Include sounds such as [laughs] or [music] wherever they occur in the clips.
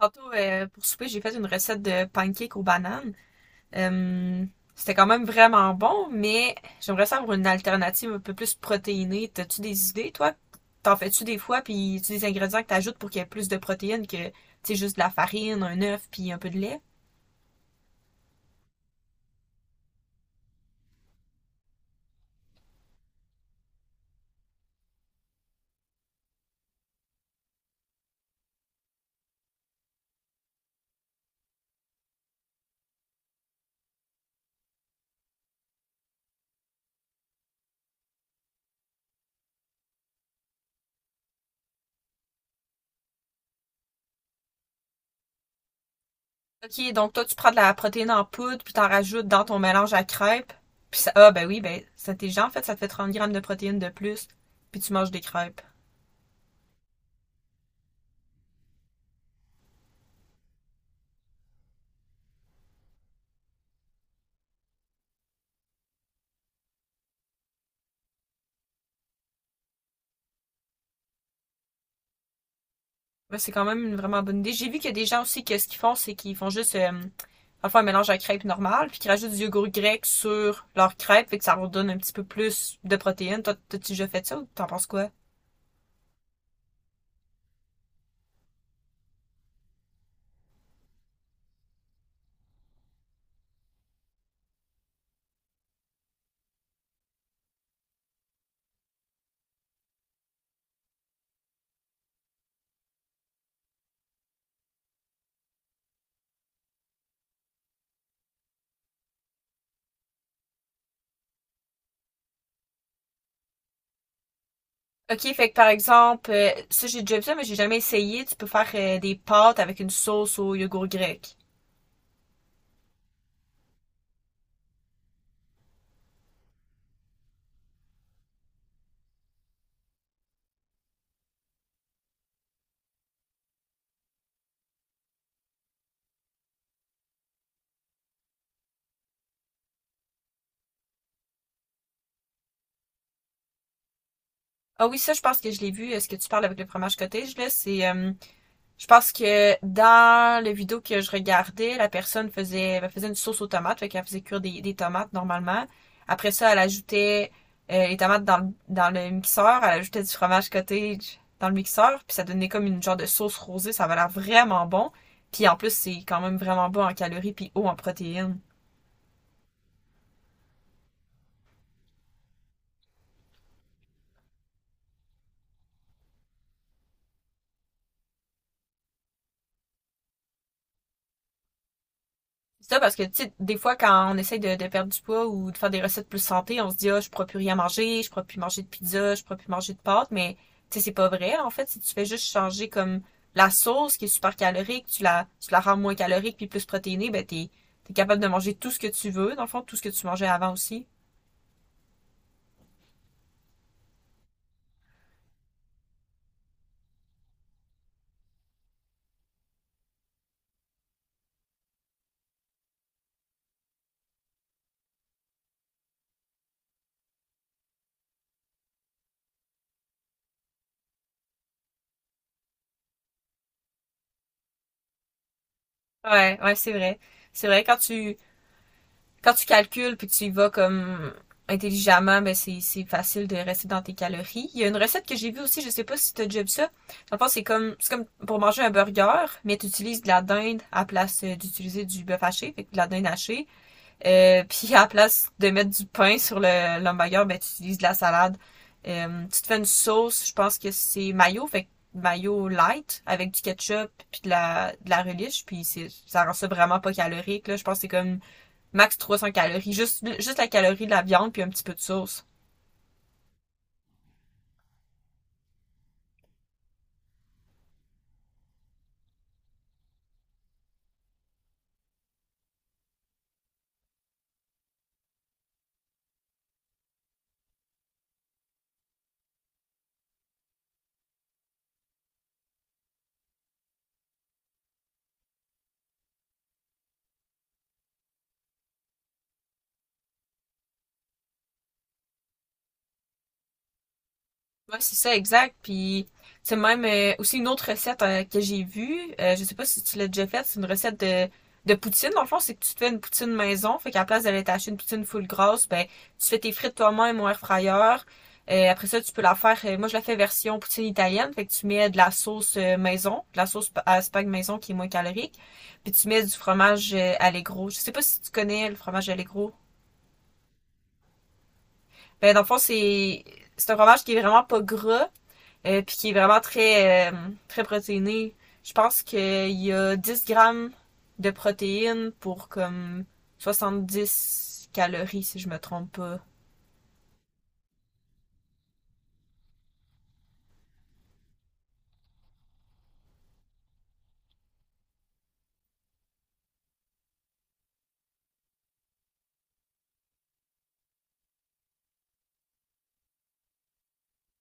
Tantôt, pour souper, j'ai fait une recette de pancakes aux bananes. Euh, c'était quand même vraiment bon, mais j'aimerais ça avoir une alternative un peu plus protéinée. T'as-tu des idées, toi? T'en fais-tu des fois, puis tu des ingrédients que t'ajoutes pour qu'il y ait plus de protéines que, tu sais, juste de la farine, un œuf, puis un peu de lait? Ok, donc toi, tu prends de la protéine en poudre, puis t'en rajoutes dans ton mélange à crêpes. Puis ça, ah, ben oui, ben, c'est intelligent, en fait, ça te fait 30 grammes de protéines de plus, puis tu manges des crêpes. Bah, c'est quand même une vraiment bonne idée. J'ai vu qu'il y a des gens aussi que ce qu'ils font, c'est qu'ils font juste enfin un mélange à crêpes normal, puis qu'ils rajoutent du yogourt grec sur leur crêpe, fait que ça leur donne un petit peu plus de protéines. Toi, t'as-tu déjà fait ça ou t'en penses quoi? Ok, fait que par exemple, ça j'ai déjà vu ça, mais j'ai jamais essayé. Tu peux faire des pâtes avec une sauce au yogourt grec. Ah oui, ça je pense que je l'ai vu. Est-ce que tu parles avec le fromage cottage là? C'est Je pense que dans la vidéo que je regardais, la personne faisait, elle faisait une sauce aux tomates, fait qu'elle faisait cuire des tomates normalement. Après ça, elle ajoutait les tomates dans le mixeur, elle ajoutait du fromage cottage dans le mixeur, puis ça donnait comme une genre de sauce rosée, ça avait l'air vraiment bon. Puis en plus, c'est quand même vraiment bon en calories puis haut en protéines. C'est ça parce que, tu sais, des fois, quand on essaye de perdre du poids ou de faire des recettes plus santé, on se dit, ah, je pourrais plus rien manger, je pourrais plus manger de pizza, je pourrais plus manger de pâtes, mais, tu sais, c'est pas vrai, en fait. Si tu fais juste changer comme la sauce qui est super calorique, tu la rends moins calorique puis plus protéinée, ben, t'es capable de manger tout ce que tu veux, dans le fond, tout ce que tu mangeais avant aussi. Ouais, ouais, c'est vrai. C'est vrai, quand tu calcules puis que tu y vas comme intelligemment, ben c'est facile de rester dans tes calories. Il y a une recette que j'ai vue aussi, je sais pas si t'as déjà vu ça. Dans le fond, c'est comme pour manger un burger, mais tu utilises de la dinde à place d'utiliser du bœuf haché, fait que de la dinde hachée. Puis à la place de mettre du pain sur le l'hamburger, ben tu utilises de la salade. Tu te fais une sauce, je pense que c'est mayo, fait que mayo light avec du ketchup puis de la relish, puis c'est ça rend ça vraiment pas calorique là. Je pense que c'est comme max 300 calories, juste la calorie de la viande puis un petit peu de sauce. Ouais, c'est ça, exact. Puis, c'est même aussi une autre recette que j'ai vue. Je sais pas si tu l'as déjà faite. C'est une recette de poutine. Dans le fond, c'est que tu te fais une poutine maison. Fait qu'à la place d'aller t'acheter une poutine full grosse, ben, tu fais tes frites toi-même au air fryer. Après ça, tu peux la faire. Moi, je la fais version poutine italienne. Fait que tu mets de la sauce maison, de la sauce à spag maison qui est moins calorique. Puis tu mets du fromage Allegro. Je sais pas si tu connais le fromage Allegro. Ben, dans le fond, c'est un fromage qui est vraiment pas gras puis qui est vraiment très protéiné. Je pense qu'il y a 10 grammes de protéines pour comme 70 calories, si je me trompe pas.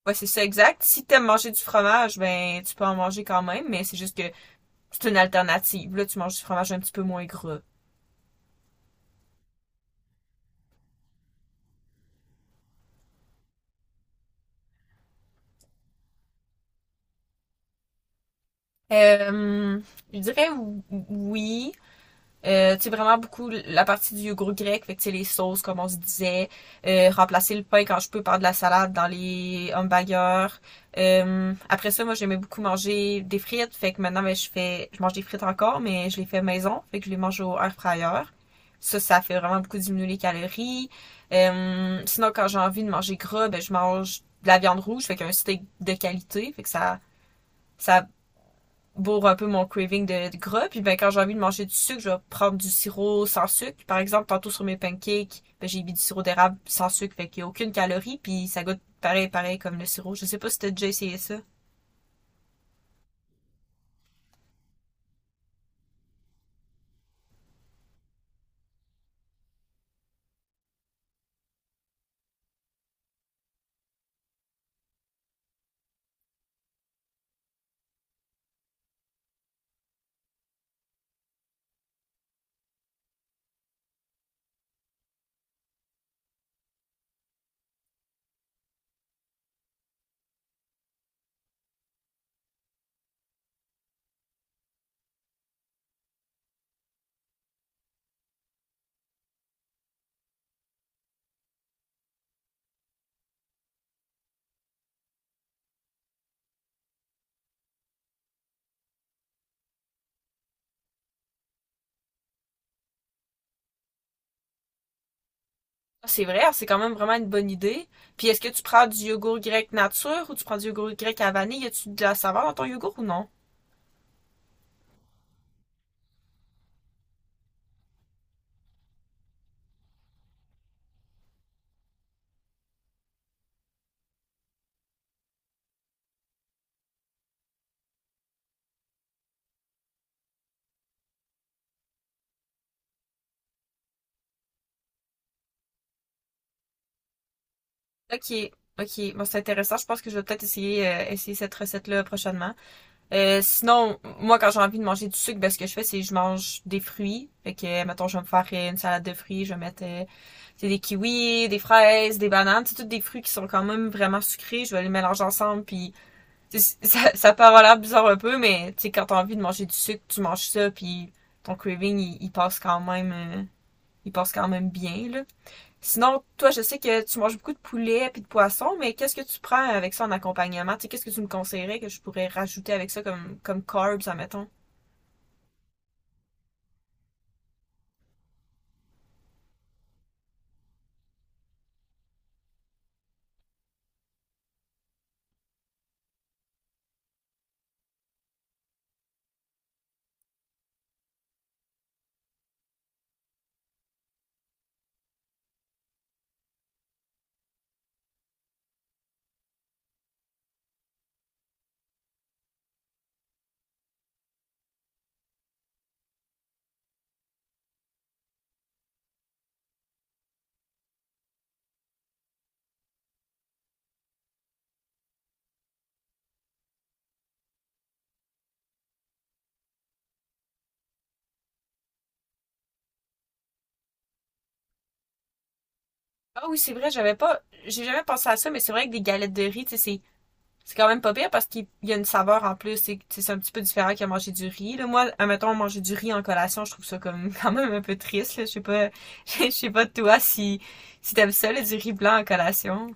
Ouais, c'est ça exact. Si t'aimes manger du fromage, ben tu peux en manger quand même, mais c'est juste que c'est une alternative. Là, tu manges du fromage un petit peu moins gras. Euh, je dirais oui. Tu sais, vraiment beaucoup la partie du yogourt grec, fait que tu sais, les sauces, comme on se disait, remplacer le pain quand je peux par de la salade dans les hamburgers. Après ça, moi, j'aimais beaucoup manger des frites, fait que maintenant, ben, je mange des frites encore, mais je les fais maison, fait que je les mange au air fryer. Ça fait vraiment beaucoup diminuer les calories. Sinon, quand j'ai envie de manger gras, ben, je mange de la viande rouge, fait qu'un steak de qualité, fait que ça pour un peu mon craving de gras. Puis ben quand j'ai envie de manger du sucre, je vais prendre du sirop sans sucre. Par exemple, tantôt sur mes pancakes, ben, j'ai mis du sirop d'érable sans sucre, fait qu'il n'y a aucune calorie, puis ça goûte pareil, pareil comme le sirop. Je sais pas si t'as déjà essayé ça. C'est vrai, c'est quand même vraiment une bonne idée. Puis est-ce que tu prends du yogourt grec nature ou tu prends du yogourt grec à vanille? Y a-tu de la saveur dans ton yogourt ou non? Ok, ok, bon c'est intéressant. Je pense que je vais peut-être essayer cette recette-là prochainement. Sinon, moi, quand j'ai envie de manger du sucre, ben, ce que je fais, c'est que je mange des fruits. Fait que, mettons, je vais me faire une salade de fruits, je vais mettre tu des kiwis, des fraises, des bananes, c'est tous des fruits qui sont quand même vraiment sucrés. Je vais les mélanger ensemble, puis [laughs] ça peut avoir l'air bizarre un peu, mais tu sais, quand t'as envie de manger du sucre, tu manges ça, puis ton craving, il passe quand même, il passe quand même bien, là. Sinon, toi, je sais que tu manges beaucoup de poulet puis de poisson, mais qu'est-ce que tu prends avec ça en accompagnement? Tu sais, qu'est-ce que tu me conseillerais que je pourrais rajouter avec ça comme carbs, admettons? Ah oui, c'est vrai, j'avais pas, j'ai jamais pensé à ça, mais c'est vrai que des galettes de riz, tu sais, c'est quand même pas pire parce qu'il y a une saveur en plus, c'est un petit peu différent qu'à manger du riz. Là, moi, admettons, manger du riz en collation, je trouve ça comme [laughs] quand même un peu triste, là. Je sais pas, [laughs] je sais pas toi si t'aimes ça, là, du riz blanc en collation.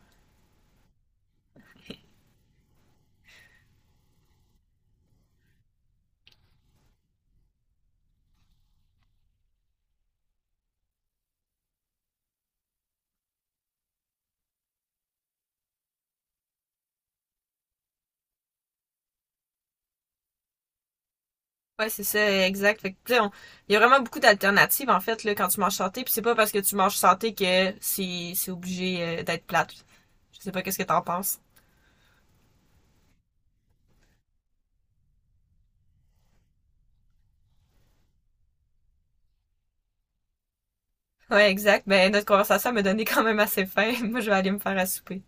Ouais, c'est ça, exact. Fait que, tu sais, il y a vraiment beaucoup d'alternatives, en fait, là, quand tu manges santé. Puis c'est pas parce que tu manges santé que c'est obligé d'être plate. Je sais pas qu'est-ce que t'en penses. Ouais, exact. Ben, notre conversation m'a donné quand même assez faim. [laughs] Moi, je vais aller me faire à souper.